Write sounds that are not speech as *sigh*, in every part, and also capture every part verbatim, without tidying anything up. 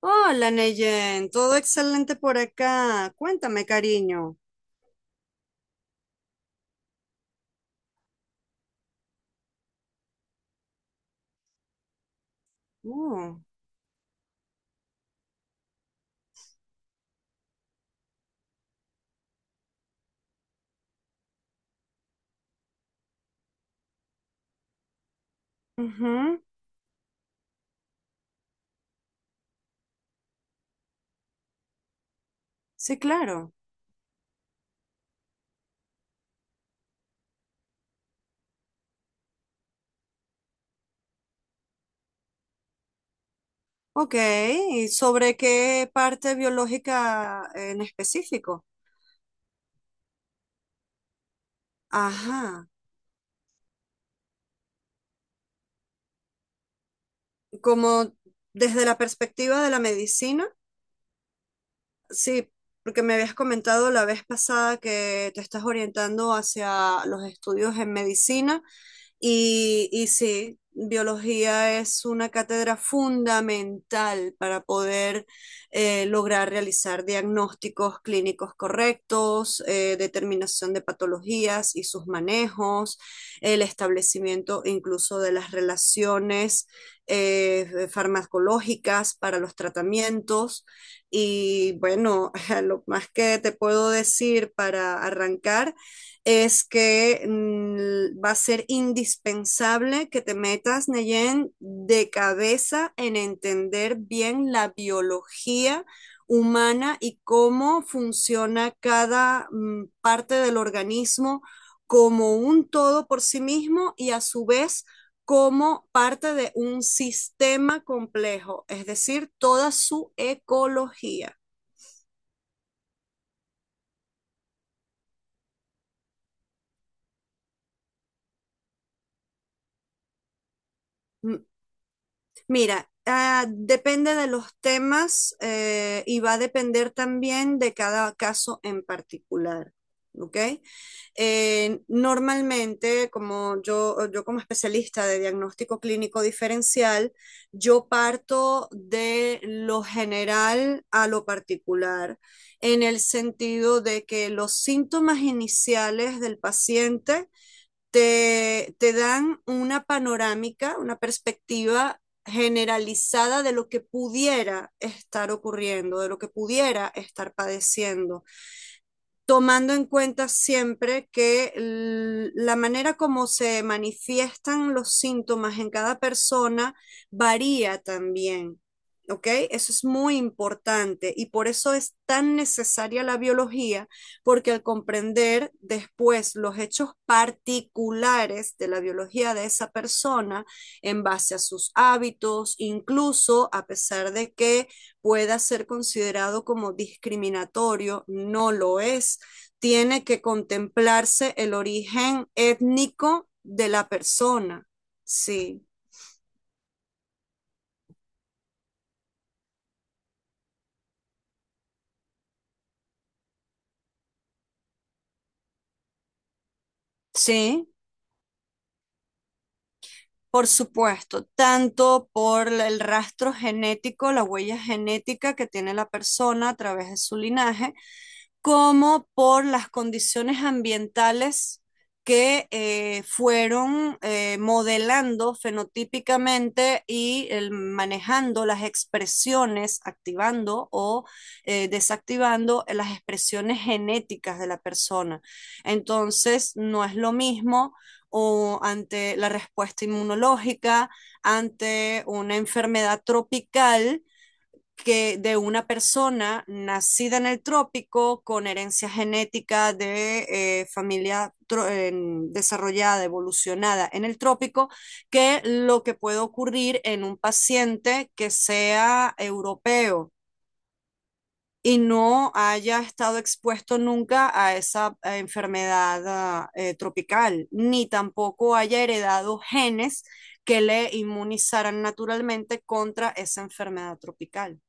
Hola, Neyen, todo excelente por acá. Cuéntame, cariño. Oh, ujú, sí, claro. Ok, ¿y sobre qué parte biológica en específico? Ajá, como desde la perspectiva de la medicina. Sí, porque me habías comentado la vez pasada que te estás orientando hacia los estudios en medicina y, y sí, biología es una cátedra fundamental para poder eh, lograr realizar diagnósticos clínicos correctos, eh, determinación de patologías y sus manejos, el establecimiento incluso de las relaciones eh, farmacológicas para los tratamientos. Y bueno, *laughs* lo más que te puedo decir para arrancar es que mm, va a ser indispensable que te metas, Neyen, de cabeza en entender bien la biología humana y cómo funciona cada mm, parte del organismo como un todo por sí mismo y a su vez como parte de un sistema complejo, es decir, toda su ecología. Mira, ah, depende de los temas eh, y va a depender también de cada caso en particular. ¿Ok? Eh, normalmente, como yo, yo como especialista de diagnóstico clínico diferencial, yo parto de lo general a lo particular, en el sentido de que los síntomas iniciales del paciente te, te dan una panorámica, una perspectiva generalizada de lo que pudiera estar ocurriendo, de lo que pudiera estar padeciendo tomando en cuenta siempre que la manera como se manifiestan los síntomas en cada persona varía también, ¿ok? Eso es muy importante y por eso es tan necesaria la biología, porque al comprender después los hechos particulares de la biología de esa persona en base a sus hábitos, incluso a pesar de que pueda ser considerado como discriminatorio, no lo es. Tiene que contemplarse el origen étnico de la persona. Sí, sí. Por supuesto, tanto por la- el rastro genético, la huella genética que tiene la persona a través de su linaje, como por las condiciones ambientales que eh, fueron eh, modelando fenotípicamente y el- manejando las expresiones, activando o eh, desactivando las expresiones genéticas de la persona. Entonces, no es lo mismo o ante la respuesta inmunológica, ante una enfermedad tropical que de una persona nacida en el trópico con herencia genética de eh, familia eh, desarrollada, evolucionada en el trópico, que lo que puede ocurrir en un paciente que sea europeo y no haya estado expuesto nunca a esa eh, enfermedad ah, eh, tropical, ni tampoco haya heredado genes que le inmunizaran naturalmente contra esa enfermedad tropical.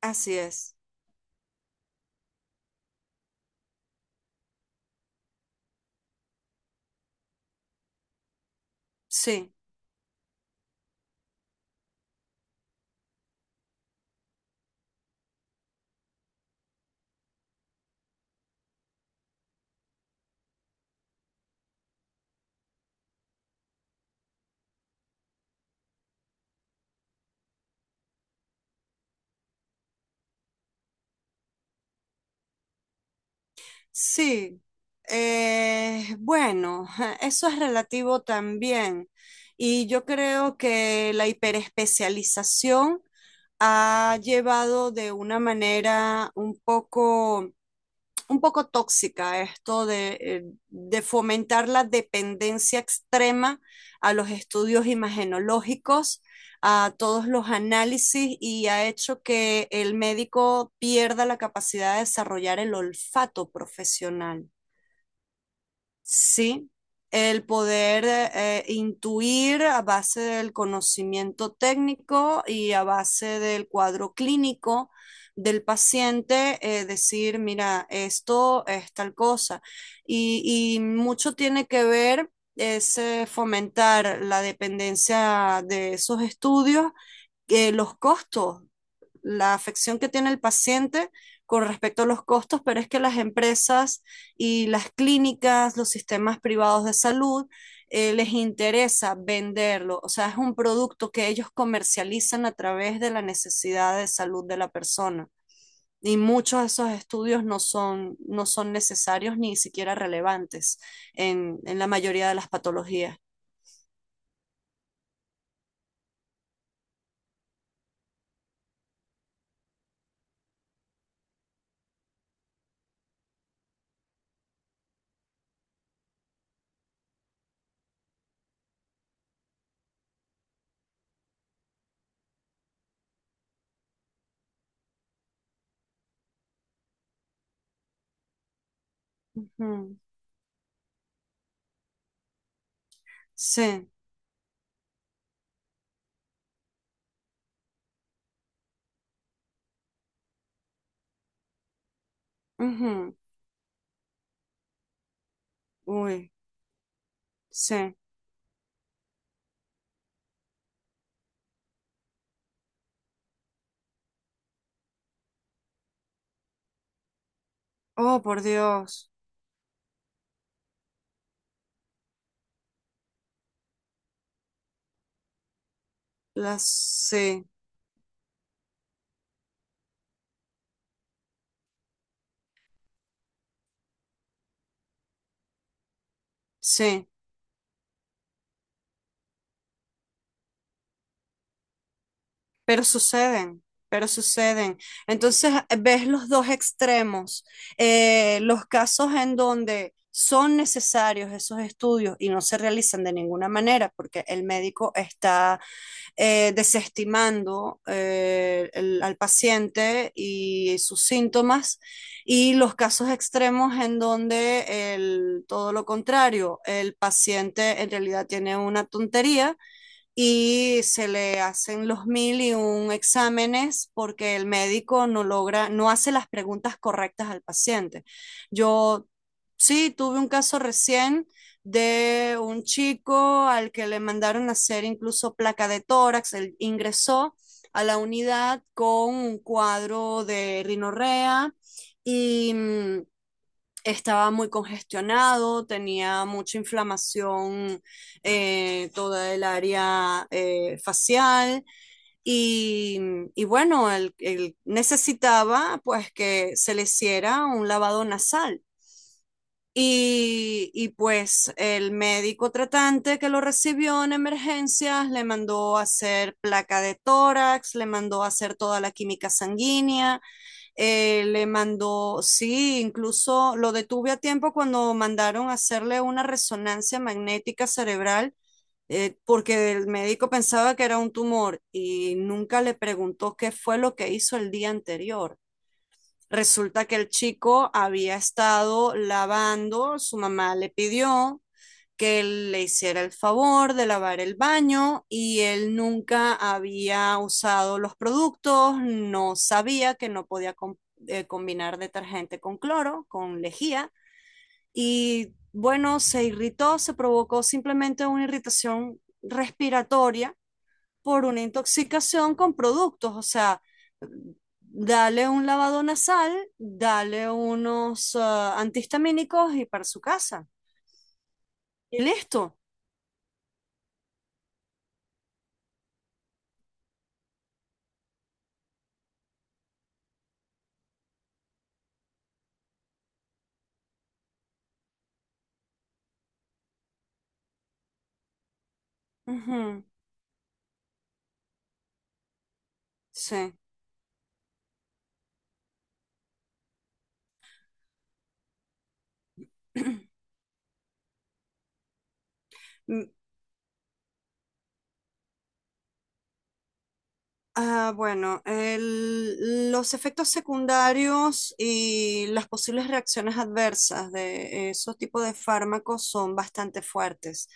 Así es, sí, sí. Eh, bueno, *laughs* eso es relativo también. Y yo creo que la hiperespecialización ha llevado de una manera un poco un poco tóxica esto de, eh, de fomentar la dependencia extrema a los estudios imagenológicos, a todos los análisis y ha hecho que el médico pierda la capacidad de desarrollar el olfato profesional. Sí, el poder eh, intuir a base del conocimiento técnico y a base del cuadro clínico del paciente, eh, decir, mira, esto es tal cosa. Y, y mucho tiene que ver es eh, fomentar la dependencia de esos estudios, eh, los costos, la afección que tiene el paciente con respecto a los costos, pero es que las empresas y las clínicas, los sistemas privados de salud, eh, les interesa venderlo. O sea, es un producto que ellos comercializan a través de la necesidad de salud de la persona. Y muchos de esos estudios no son, no son necesarios ni siquiera relevantes en, en la mayoría de las patologías. Ujú. Sí. Ujú. Uy, sí. Oh, por Dios. Las, sí. Sí, pero suceden, pero suceden. Entonces eh, ves los dos extremos, eh, los casos en donde son necesarios esos estudios y no se realizan de ninguna manera porque el médico está eh, desestimando eh, el- al paciente y sus síntomas, y los casos extremos en donde el- todo lo contrario, el paciente en realidad tiene una tontería y se le hacen los mil y un exámenes porque el médico no logra, no hace las preguntas correctas al paciente. Yo sí tuve un caso recién de un chico al que le mandaron a hacer incluso placa de tórax. Él ingresó a la unidad con un cuadro de rinorrea y mm, estaba muy congestionado, tenía mucha inflamación, eh, toda el área eh, facial y, y bueno, él, él necesitaba pues que se le hiciera un lavado nasal. Y, y, pues el médico tratante que lo recibió en emergencias le mandó a hacer placa de tórax, le mandó a hacer toda la química sanguínea, eh, le mandó, sí, incluso lo detuve a tiempo cuando mandaron a hacerle una resonancia magnética cerebral, eh, porque el médico pensaba que era un tumor y nunca le preguntó qué fue lo que hizo el día anterior. Resulta que el chico había estado lavando, su mamá le pidió que le hiciera el favor de lavar el baño, y él nunca había usado los productos, no sabía que no podía com- eh, combinar detergente con cloro, con lejía, y bueno, se irritó, se provocó simplemente una irritación respiratoria por una intoxicación con productos. O sea, dale un lavado nasal, dale unos ah, antihistamínicos y para su casa. Y listo. Ujú, sí. *clears throat* Mm, Ah, bueno, el- los efectos secundarios y las posibles reacciones adversas de esos tipos de fármacos son bastante fuertes.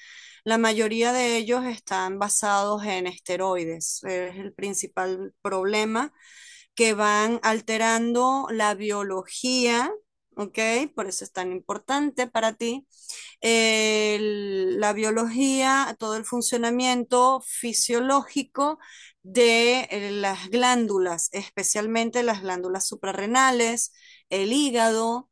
La mayoría de ellos están basados en esteroides. Es el principal problema, que van alterando la biología, ¿ok? Por eso es tan importante para ti eh, la biología, todo el funcionamiento fisiológico de eh, las glándulas, especialmente las glándulas suprarrenales, el hígado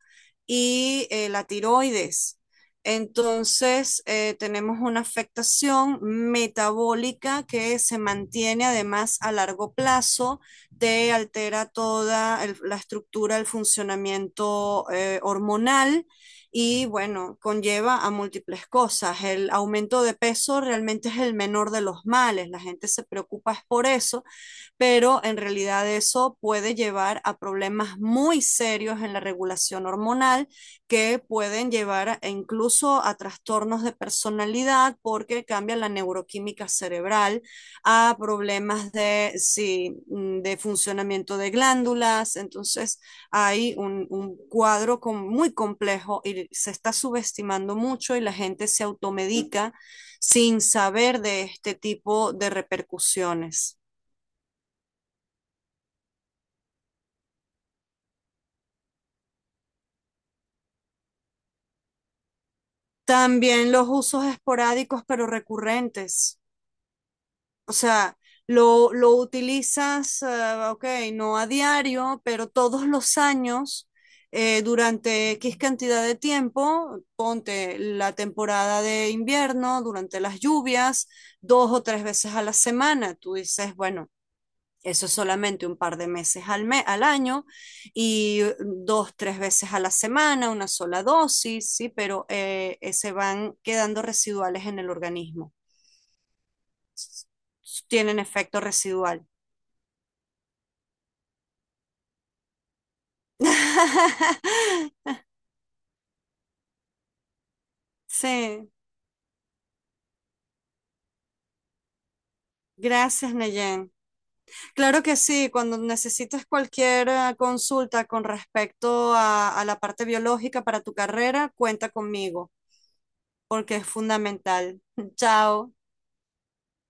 y eh, la tiroides. Entonces, eh, tenemos una afectación metabólica que se mantiene además a largo plazo, te altera toda el- la estructura, el funcionamiento eh, hormonal, y bueno, conlleva a múltiples cosas. El aumento de peso realmente es el menor de los males, la gente se preocupa es por eso, pero en realidad eso puede llevar a problemas muy serios en la regulación hormonal que pueden llevar a, incluso a trastornos de personalidad porque cambia la neuroquímica cerebral, a problemas de, sí, mm, de funcionamiento de glándulas. Entonces hay un, un cuadro con, muy complejo, y se está subestimando mucho y la gente se automedica sin saber de este tipo de repercusiones. También los usos esporádicos pero recurrentes. O sea, lo, lo utilizas, ah, ok, no a diario, pero todos los años, eh, durante X cantidad de tiempo, ponte la temporada de invierno, durante las lluvias, dos o tres veces a la semana. Tú dices, bueno. Eso es solamente un par de meses al, me- al año y dos, tres veces a la semana, una sola dosis, ¿sí? Pero eh, eh, se van quedando residuales en el organismo. Tienen efecto residual. *laughs* Sí, gracias, Neyen. Claro que sí, cuando necesites cualquier eh, consulta con respecto a, a la parte biológica para tu carrera, cuenta conmigo, porque es fundamental. *laughs* Chao.